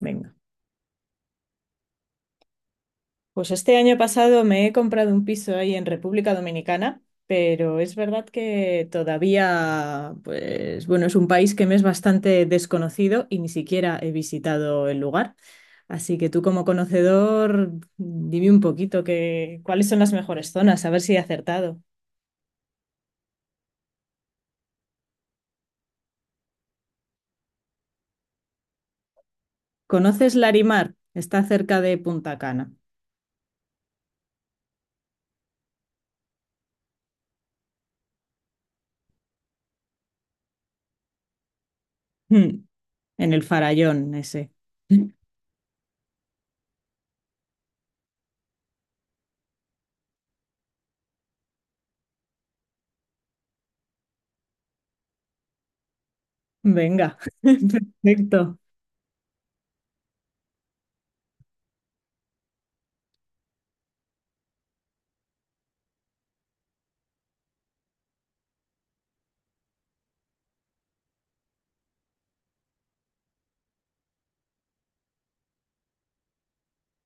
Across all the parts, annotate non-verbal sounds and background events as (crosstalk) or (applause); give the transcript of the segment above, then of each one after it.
Venga. Pues este año pasado me he comprado un piso ahí en República Dominicana, pero es verdad que todavía, pues bueno, es un país que me es bastante desconocido y ni siquiera he visitado el lugar. Así que tú como conocedor, dime un poquito cuáles son las mejores zonas, a ver si he acertado. ¿Conoces Larimar? Está cerca de Punta Cana. Mm. En el Farallón ese. (laughs) Venga. (laughs) Perfecto.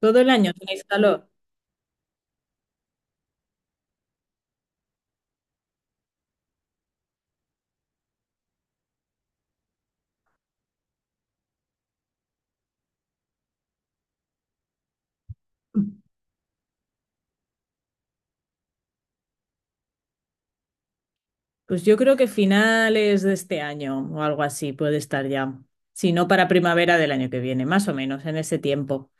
Todo el año tenéis calor. Pues yo creo que finales de este año o algo así puede estar ya. Si no, para primavera del año que viene, más o menos, en ese tiempo.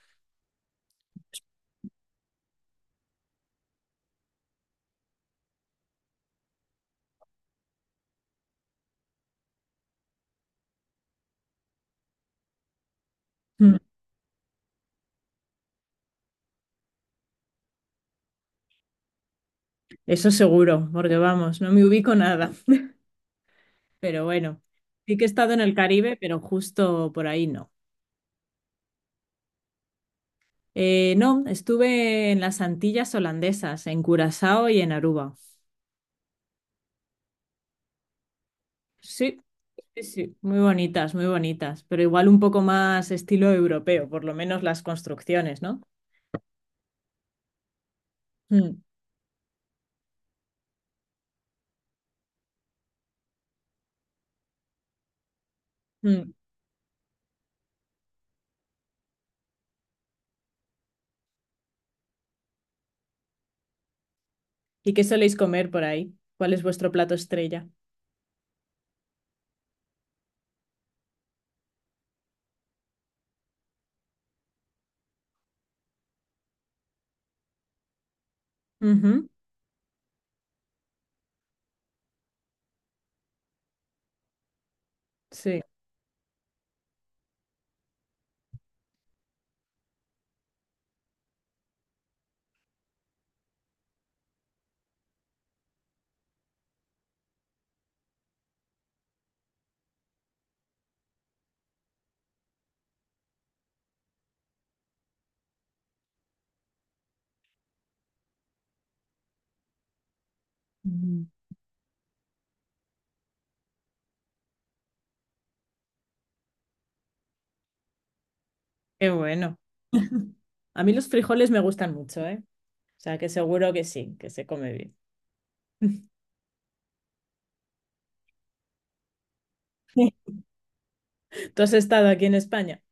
Mm. Eso seguro, porque vamos, no me ubico nada. (laughs) Pero bueno, sí que he estado en el Caribe, pero justo por ahí no. No, estuve en las Antillas holandesas, en Curazao y en Aruba. Sí, sí, sí, muy bonitas, pero igual un poco más estilo europeo, por lo menos las construcciones, ¿no? Mm. Mm. ¿Y qué soléis comer por ahí? ¿Cuál es vuestro plato estrella? Ujú. Sí. Mm. Qué bueno. (laughs) A mí los frijoles me gustan mucho, ¿eh? O sea, que seguro que sí, que se come bien. (laughs) ¿Tú has estado aquí en España?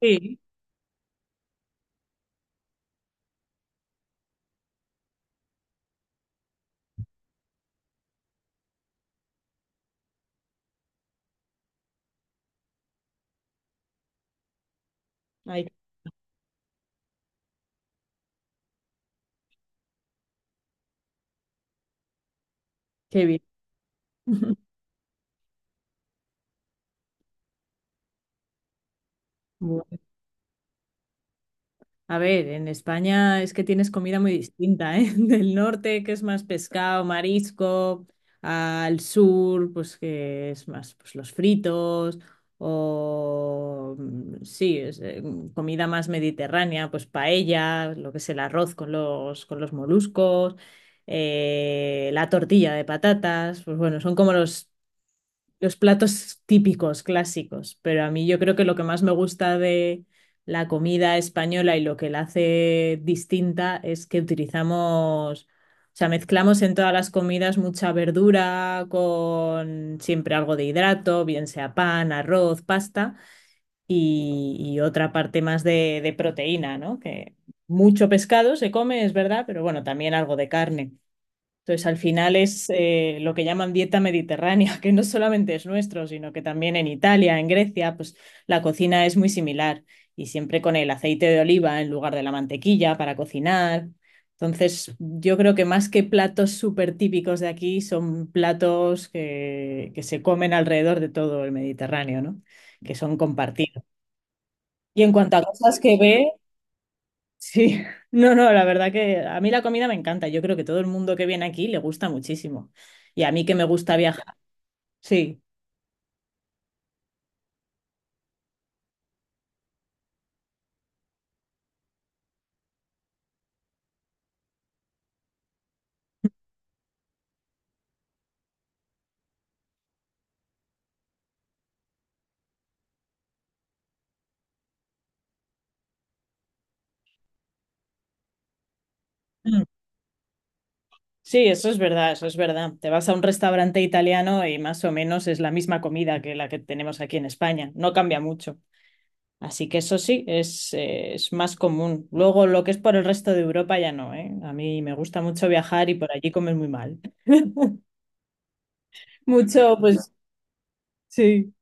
Sí. Ay, qué bien. (laughs) Bueno. A ver, en España es que tienes comida muy distinta, ¿eh? (laughs) Del norte, que es más pescado, marisco, al sur, pues que es más pues, los fritos, o sí, comida más mediterránea, pues paella, lo que es el arroz con los moluscos, la tortilla de patatas, pues bueno, son como los platos típicos, clásicos, pero a mí yo creo que lo que más me gusta de la comida española y lo que la hace distinta es que utilizamos, o sea, mezclamos en todas las comidas mucha verdura con siempre algo de hidrato, bien sea pan, arroz, pasta y otra parte más de proteína, ¿no? Que mucho pescado se come, es verdad, pero bueno, también algo de carne. Entonces, al final es lo que llaman dieta mediterránea, (laughs) que no solamente es nuestro, sino que también en Italia, en Grecia, pues la cocina es muy similar y siempre con el aceite de oliva en lugar de la mantequilla para cocinar. Entonces, yo creo que más que platos súper típicos de aquí, son platos que se comen alrededor de todo el Mediterráneo, ¿no? Que son compartidos. Y en cuanto a cosas que ver. Sí, (laughs) no, no, la verdad que a mí la comida me encanta. Yo creo que todo el mundo que viene aquí le gusta muchísimo. Y a mí que me gusta viajar, sí. Mm. Sí, eso es verdad, eso es verdad. Te vas a un restaurante italiano y más o menos es la misma comida que la que tenemos aquí en España. No cambia mucho. Así que eso sí, es más común. Luego, lo que es por el resto de Europa ya no, ¿eh? A mí me gusta mucho viajar y por allí comer muy mal. (laughs) Mucho, pues sí.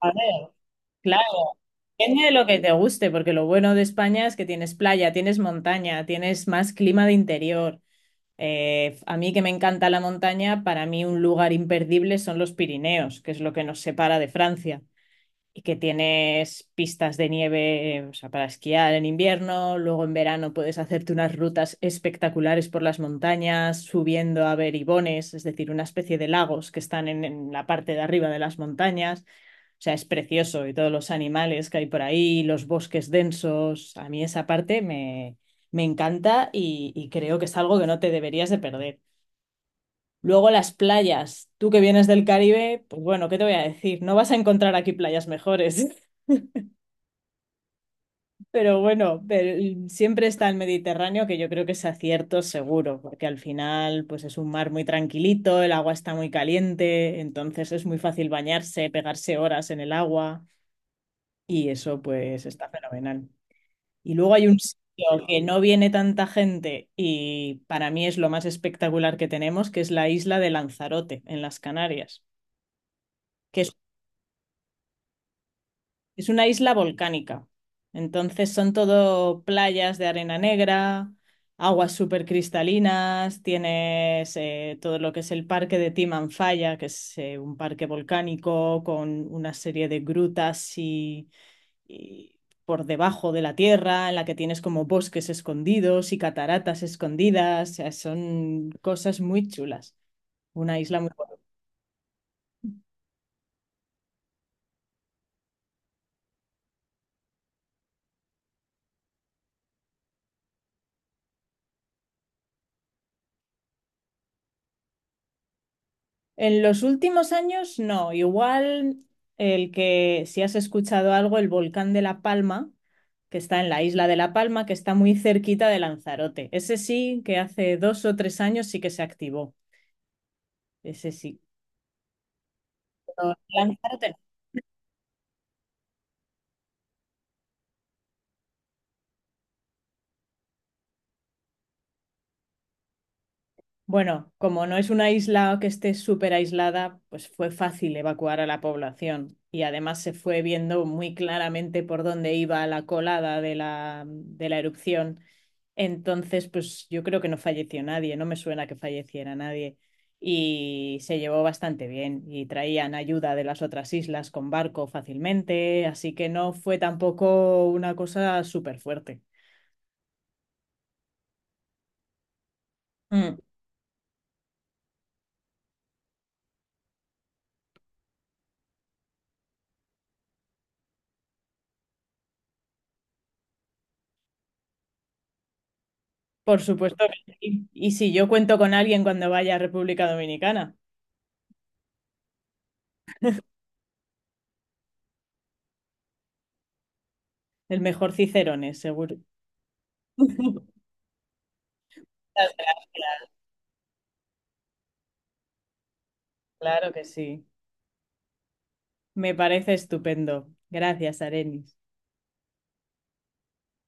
A ver. Claro, depende de lo que te guste, porque lo bueno de España es que tienes playa, tienes montaña, tienes más clima de interior. A mí que me encanta la montaña, para mí un lugar imperdible son los Pirineos, que es lo que nos separa de Francia, y que tienes pistas de nieve, o sea, para esquiar en invierno, luego en verano puedes hacerte unas rutas espectaculares por las montañas, subiendo a beribones, es decir, una especie de lagos que están en la parte de arriba de las montañas. O sea, es precioso y todos los animales que hay por ahí, los bosques densos. A mí esa parte me encanta y creo que es algo que no te deberías de perder. Luego las playas. Tú que vienes del Caribe, pues bueno, ¿qué te voy a decir? No vas a encontrar aquí playas mejores, (laughs) pero bueno, pero siempre está el Mediterráneo, que yo creo que es acierto seguro, porque al final pues es un mar muy tranquilito, el agua está muy caliente, entonces es muy fácil bañarse, pegarse horas en el agua y eso pues está fenomenal. Y luego hay un sitio que no viene tanta gente y para mí es lo más espectacular que tenemos, que es la isla de Lanzarote, en las Canarias, que es una isla volcánica. Entonces son todo playas de arena negra, aguas súper cristalinas, tienes todo lo que es el parque de Timanfaya, que es un parque volcánico con una serie de grutas y por debajo de la tierra, en la que tienes como bosques escondidos y cataratas escondidas, o sea, son cosas muy chulas. Una isla muy bonita. En los últimos años, no, igual el que, si has escuchado algo, el volcán de La Palma, que está en la isla de La Palma, que está muy cerquita de Lanzarote. Ese sí, que hace 2 o 3 años sí que se activó. Ese sí. Pero Lanzarote no. Bueno, como no es una isla que esté súper aislada, pues fue fácil evacuar a la población y además se fue viendo muy claramente por dónde iba la colada de la, erupción. Entonces, pues yo creo que no falleció nadie, no me suena que falleciera nadie y se llevó bastante bien y traían ayuda de las otras islas con barco fácilmente, así que no fue tampoco una cosa súper fuerte. Por supuesto que sí. Y si yo cuento con alguien cuando vaya a República Dominicana, el mejor Cicerones, seguro. (laughs) Muchas gracias, claro que sí. Me parece estupendo. Gracias, Arenis.